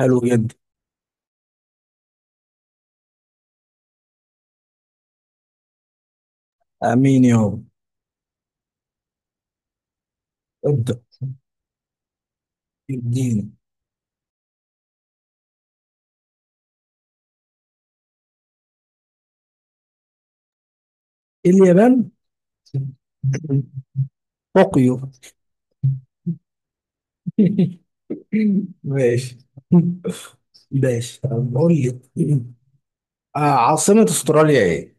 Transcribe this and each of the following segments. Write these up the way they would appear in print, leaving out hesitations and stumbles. حلو جدا. امين يابا. ابدا. اديني. اليابان. طوكيو. ماشي. ماشي، طب قول لي، عاصمة استراليا ايه؟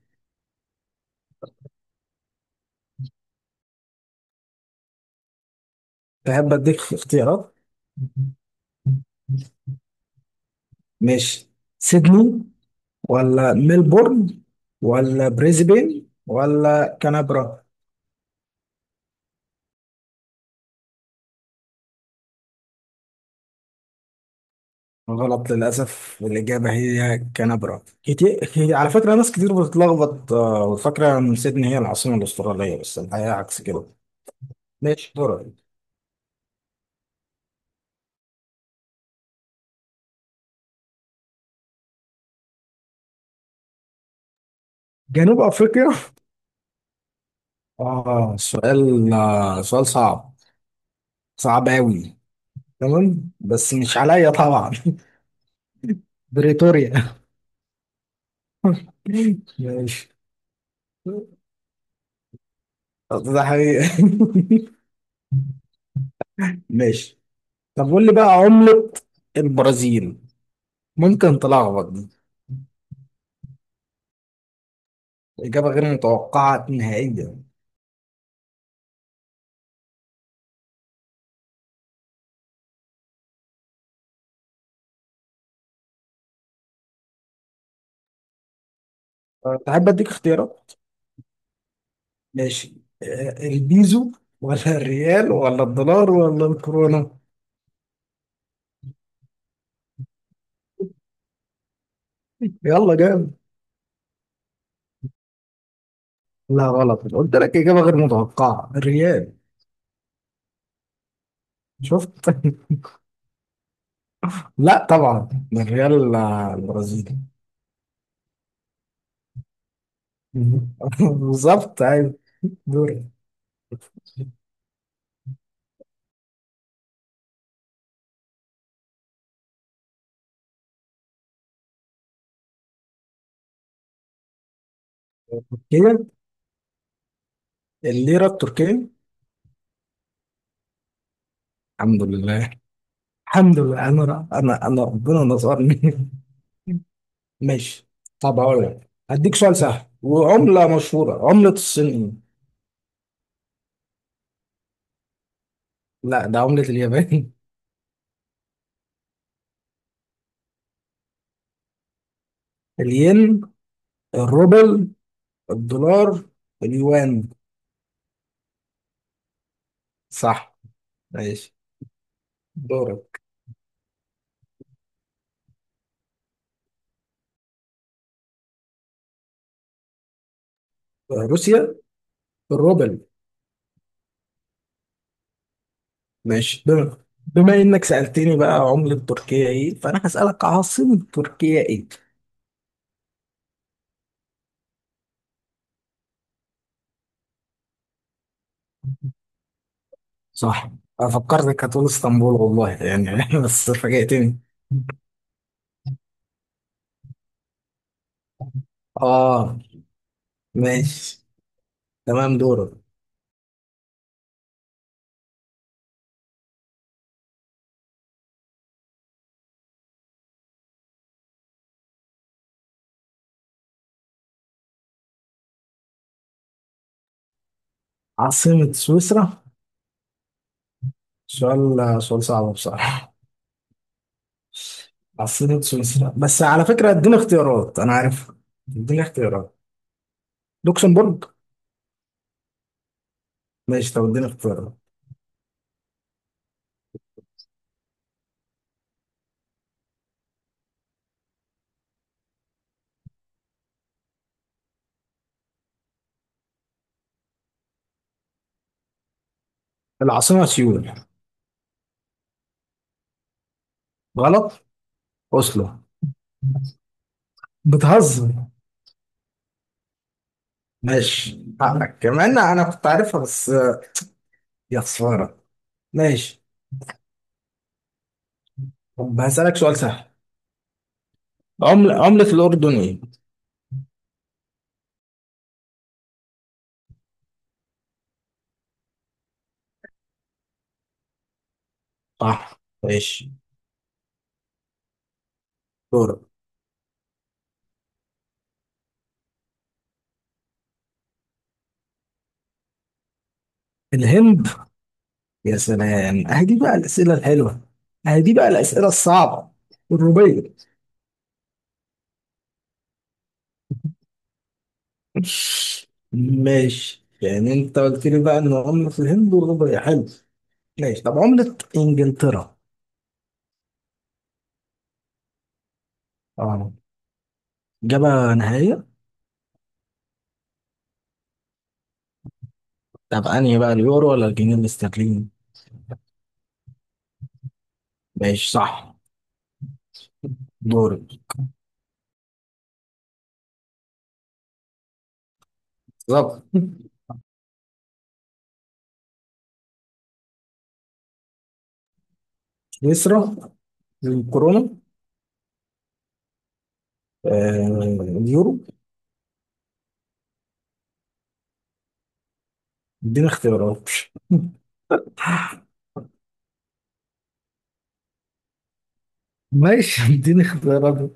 تحب اديك اختيارات؟ ماشي. سيدني ولا ملبورن ولا بريسبين ولا كانبرا؟ غلط، للأسف الإجابة هي كانبرا. على فكرة ناس كتير بتتلخبط، وفاكرة إن سيدني هي العاصمة الأسترالية، بس الحقيقة عكس كده. ماشي، دورك. جنوب افريقيا. سؤال صعب. صعب أوي. تمام، بس مش عليا طبعا. بريتوريا. ماشي. ده حقيقة. ماشي، طب قول لي بقى عملة البرازيل. ممكن تلخبط دي، إجابة غير متوقعة نهائيا. تحب أديك اختيارات؟ ماشي. البيزو ولا الريال ولا الدولار ولا الكورونا؟ يلا جامد. لا غلط، قلت لك إجابة غير متوقعة، الريال. شفت؟ لا طبعا، ده الريال البرازيلي. مهم. بالظبط ايوه. دوري. تركيا. الليره التركيه. الحمد لله. الحمد لله، انا ر- انا انا ربنا نصرني. ماشي، طب هقول لك هديك سؤال سهل وعمله مشهوره. عمله الصين ايه؟ لا، ده عمله اليابان. الين، الروبل، الدولار، اليوان. صح. ماشي، دورك. روسيا. الروبل. ماشي. بما انك سألتني بقى عملة تركيا ايه، فانا هسألك عاصمة تركيا ايه. صح. انا فكرتك هتقول اسطنبول، والله يعني. بس فاجأتني. اه. ماشي، تمام، دورك. عاصمة سويسرا. سؤال صعب بصراحة. عاصمة سويسرا، بس على فكرة اديني اختيارات، انا عارف. اديني اختيارات. لوكسمبورغ. ماشي، طب اديني اختيارات. العاصمة سيول. غلط. اوسلو. بتهزر. ماشي، حقك كمان. انا كنت عارفها بس. يا خسارة. ماشي، طب هسألك سؤال سهل. عملة الأردن ايه؟ صح. ماشي، دورك. الهند. يا سلام، اهدي بقى الأسئلة الحلوة، اهدي بقى الأسئلة الصعبة. الروبية. ماشي، يعني انت قلت لي بقى ان عملة الهند والروبية، حلو. ماشي، طب عملة انجلترا. اه. إجابة نهائية. طب أنهي بقى، اليورو ولا الجنيه الاسترليني؟ ماشي صح. دوري. بالظبط. يسرى. الكورونا. اليورو. اديني اختيارات. ماشي. اديني اختيارات.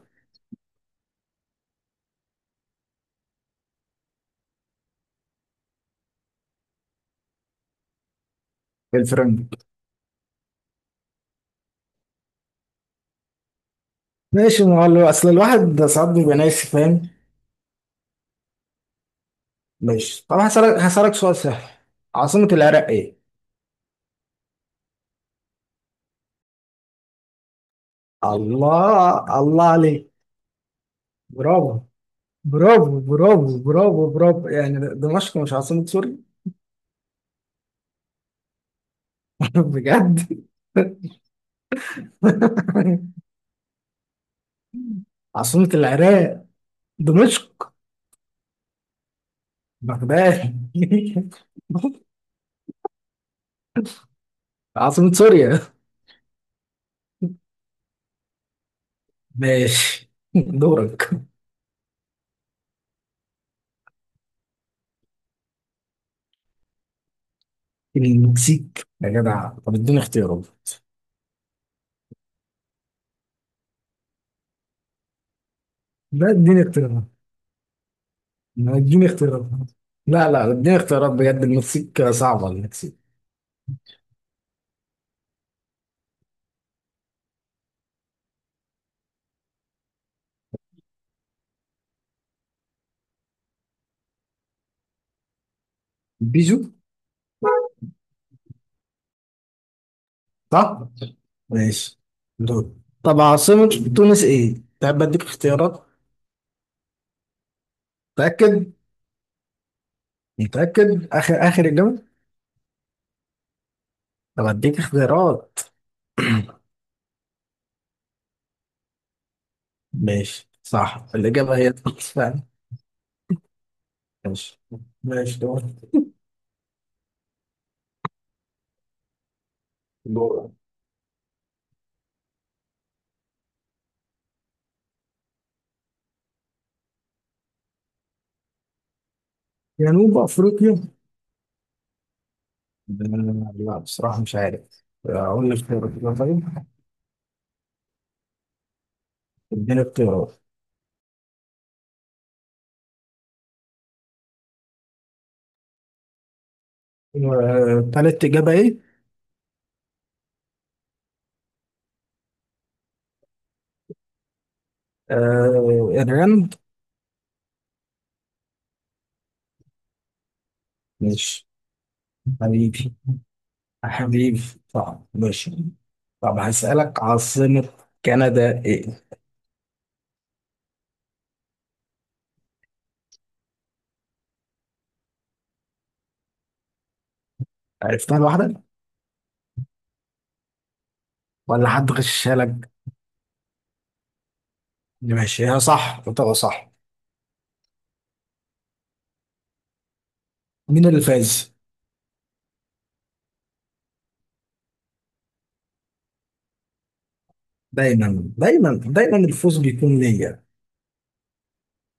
الفرنك. ماشي. ما هو، اصل الواحد ده ساعات بيبقى ناسي فاهم. ماشي، طب هسألك سؤال سهل. عاصمة العراق ايه؟ الله الله عليك. برافو. برافو برافو برافو برافو، يعني دمشق مش عاصمة سوريا؟ بجد. عاصمة العراق دمشق؟ بغداد. عاصمة سوريا. ماشي. دورك. المكسيك؟ يا جدع، طب اديني اختيارات. لا اديني اختيارات. ما اديني اختيارات. لا لا، اديني اختيارات بجد، المكسيك صعبة، المكسيك. بيجو. صح؟ ماشي. دور. طب عاصمة تونس ايه؟ تحب اديك اختيارات؟ متأكد؟ متأكد؟ اخر اخر اجابة؟ طب اديك اختيارات. ماشي صح، الإجابة هي تونس فعلا. ماشي. ماشي، دور. دور. جنوب افريقيا. لا بصراحة مش عارف. أقول لك اختيارات كده، طيب. اديني اختيارات. تالت إجابة إيه؟ الرند. ماشي. حبيبي. حبيبي. طب ماشي، طب هسألك عاصمة كندا إيه؟ عرفتها لوحدك؟ ولا حد غشها لك؟ ماشي، هي صح، قلت صح. مين اللي فاز؟ دايما دايما دايما الفوز بيكون ليا.